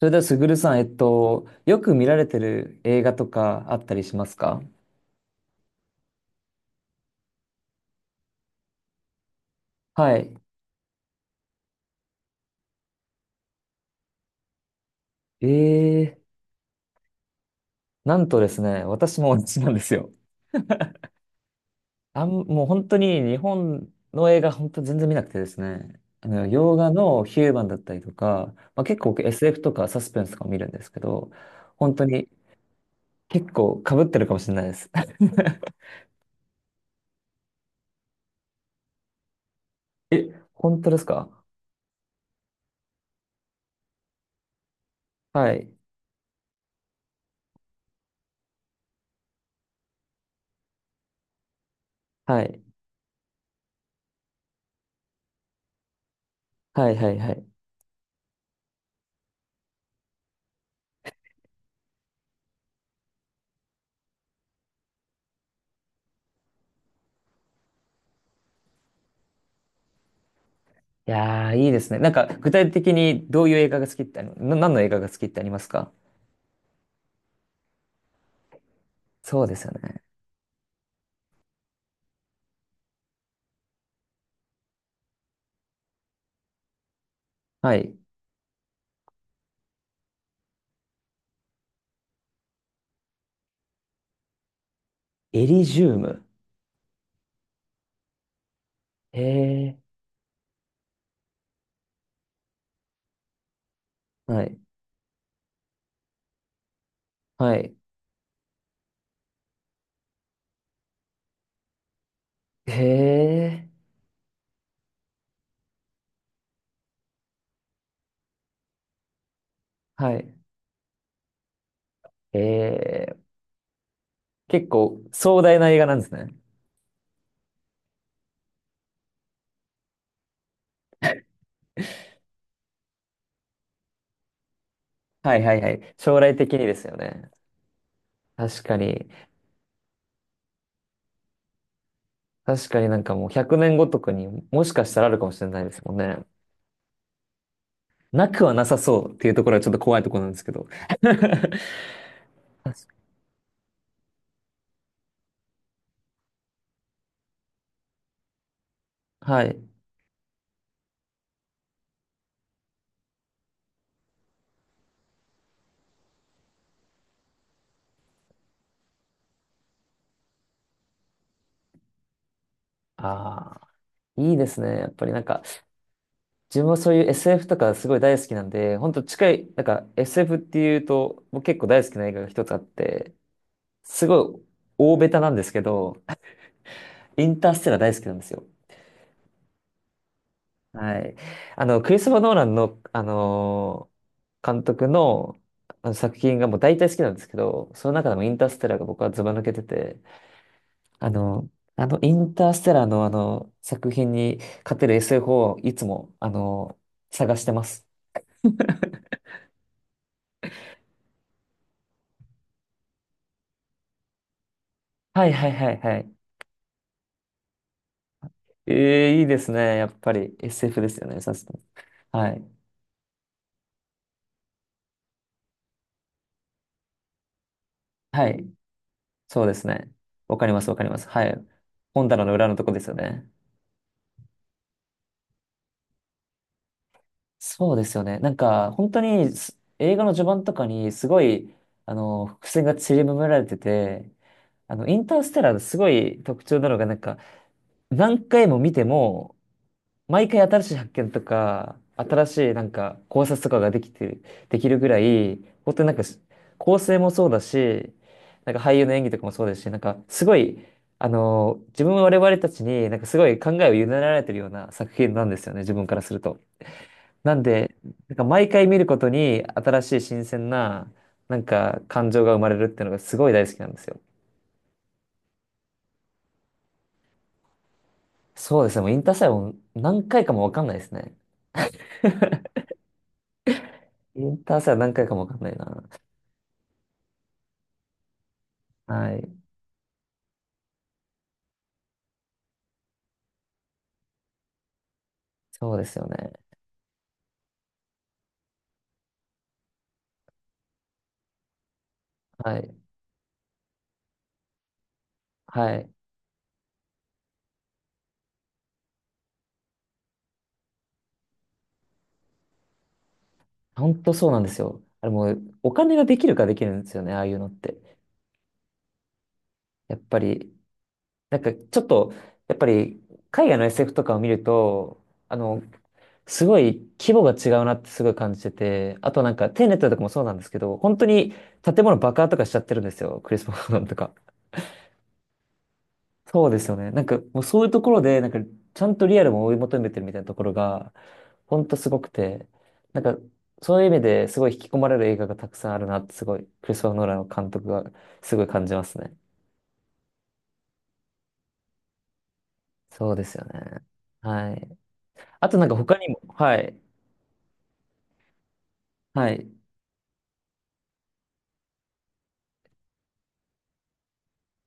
それでは、すぐるさん、よく見られてる映画とかあったりしますか？はい。ええ、なんとですね、私も同じなんですよ。もう本当に日本の映画、本当全然見なくてですね、洋画のヒューマンだったりとか、まあ、結構僕 SF とかサスペンスとか見るんですけど、本当に結構被ってるかもしれないです。え、本当ですか？はい。はい。はい、はい、はい。いやー、いいですね。なんか、具体的にどういう映画が好きってあり、な、何の映画が好きってありますか？そうですよね。はい。エリジウム。へえ。はい。はい。へえ。はい。へえ。結構壮大な映画なんですね。はいはいはい。将来的にですよね。確かに。確かになんかもう100年後とかにもしかしたらあるかもしれないですもんね。なくはなさそうっていうところはちょっと怖いところなんですけど。確かはい。ああ、いいですね。やっぱりなんか、自分はそういう SF とかすごい大好きなんで、本当近い、なんか SF っていうと、僕結構大好きな映画が一つあって、すごい大ベタなんですけど、インターステラー大好きなんですよ。はい。クリストファー・ノーランの、監督の、あの作品がもう大体好きなんですけど、その中でもインターステラーが僕はズバ抜けてて、あの、あのインターステラーのあの作品に勝てる SF をいつも、探してます。はいはいはいはい。ええ、いいですね。やっぱり SF ですよね。さすが。はい。はい。そうですね。わかります、わかります。はい。本棚の裏のとこですよね。そうですよね。なんか、本当にす映画の序盤とかにすごい、伏線が散りばめられてて、インターステラーのすごい特徴なのが、なんか、何回も見ても、毎回新しい発見とか、新しいなんか考察とかができて、できるぐらい、本当になんかし構成もそうだし、なんか俳優の演技とかもそうですし、なんかすごい、自分我々たちになんかすごい考えを委ねられてるような作品なんですよね、自分からすると。なんで、なんか毎回見ることに新しい新鮮な、なんか感情が生まれるっていうのがすごい大好きなんですよ。そうですね、もうインターサイはもう何回かもわかんないですね。インターサイは何回かもわかんないな。はい。そうですよね。はい。はい。本当そうなんですよ。あれもう、お金ができるかできるんですよね、ああいうのって。やっぱり、なんかちょっと、やっぱり、海外の SF とかを見ると、あの、すごい規模が違うなってすごい感じてて、あとなんか、テネットとかもそうなんですけど、本当に建物爆破とかしちゃってるんですよ、クリス・マノンとか。そうですよね。なんか、もうそういうところで、なんか、ちゃんとリアルを追い求めてるみたいなところが、ほんとすごくて、なんか、そういう意味ですごい引き込まれる映画がたくさんあるなって、すごい、クリストファー・ノーランの監督がすごい感じますね。そうですよね。はい。あとなんか他にも、はい。はい。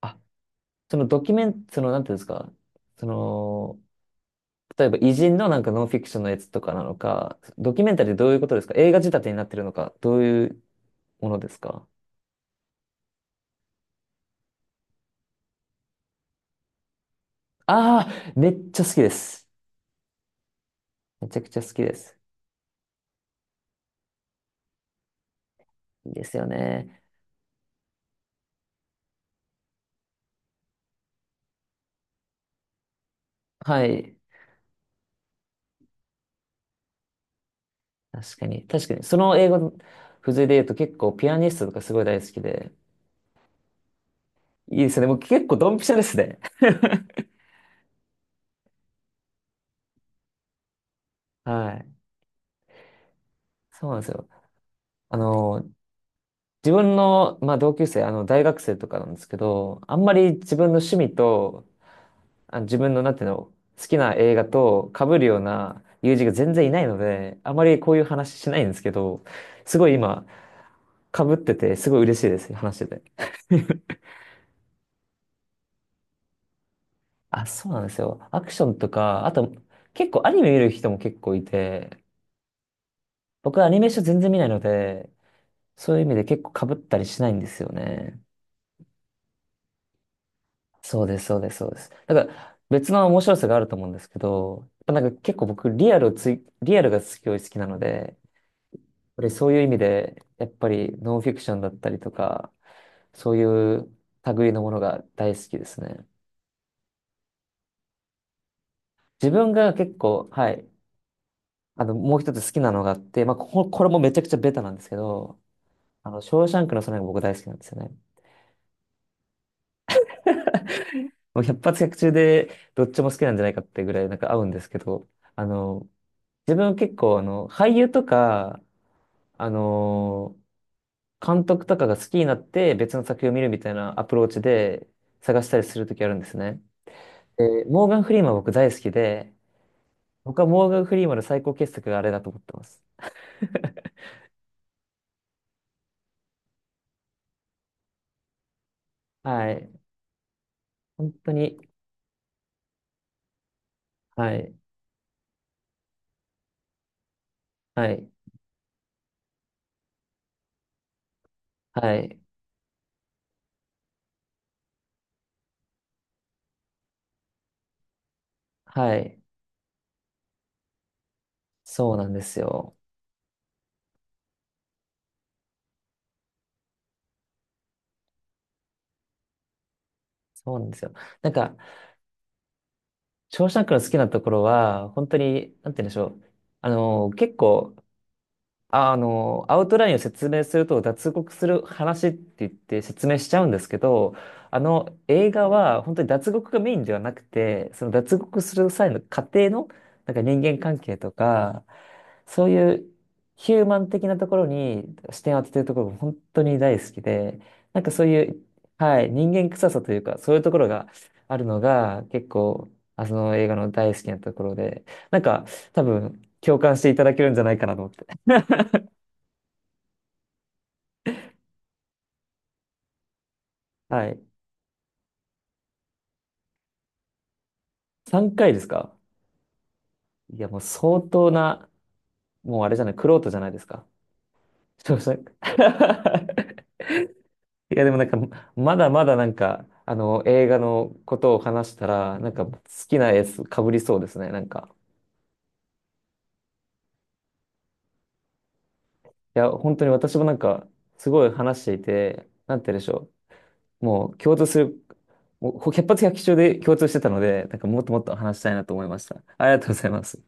あ、そのドキュメン、その、なんていうんですか、その、例えば偉人のなんかノンフィクションのやつとかなのか、ドキュメンタリーどういうことですか？映画仕立てになってるのか、どういうものですか？ああ、めっちゃ好きです。めちゃくちゃ好きです。いいですよね。はい。確かに。確かに。その英語の付随で言うと結構ピアニストとかすごい大好きで。いいですね。もう結構ドンピシャですね。はい。そうなんですよ。あの、自分の、まあ、同級生、大学生とかなんですけど、あんまり自分の趣味と自分の、なんていうの、好きな映画と被るような友人が全然いないので、あまりこういう話しないんですけど、すごい今、被ってて、すごい嬉しいです、話してて。あ、そうなんですよ。アクションとか、あと、結構アニメ見る人も結構いて、僕はアニメーション全然見ないので、そういう意味で結構被ったりしないんですよね。そうです、そうです、そうです。だから別の面白さがあると思うんですけど、やっぱなんか結構僕リアルがすごい好きなので、そういう意味で、やっぱりノンフィクションだったりとか、そういう類のものが大好きですね。自分が結構、はい、もう一つ好きなのがあって、まあ、これもめちゃくちゃベタなんですけど、ショーシャンクの空が僕大好きなんですよね。もう百発百中でどっちも好きなんじゃないかってぐらいなんか合うんですけど、あの、自分結構俳優とか、あの、監督とかが好きになって別の作品を見るみたいなアプローチで探したりするときあるんですね。で、モーガン・フリーマン僕大好きで、僕はモーガン・フリーマンの最高傑作があれだと思ってます。はい。本当に、はい、はい、はい、はい。そうなんですよ。そうなんですよ。なんか、ショーシャンクの好きなところは、本当に、なんて言うんでしょう。結構、アウトラインを説明すると脱獄する話って言って説明しちゃうんですけど、あの映画は本当に脱獄がメインではなくて、その脱獄する際の過程のなんか人間関係とか、そういうヒューマン的なところに視点を当ててるところが本当に大好きで、なんかそういう、はい、人間臭さというか、そういうところがあるのが結構、その映画の大好きなところで、なんか多分共感していただけるんじゃないかなと思って。はい。3回ですか？いや、もう相当な、もうあれじゃない、玄人じゃないですか？ちょっと待って いや、でもなんか、まだまだなんか、映画のことを話したら、なんか好きなやつかぶりそうですね、なんか。いや、本当に私もなんか、すごい話していて、なんて言うんでしょう。もう共通する、もう百発百中で共通してたので、なんかもっともっと話したいなと思いました。ありがとうございます。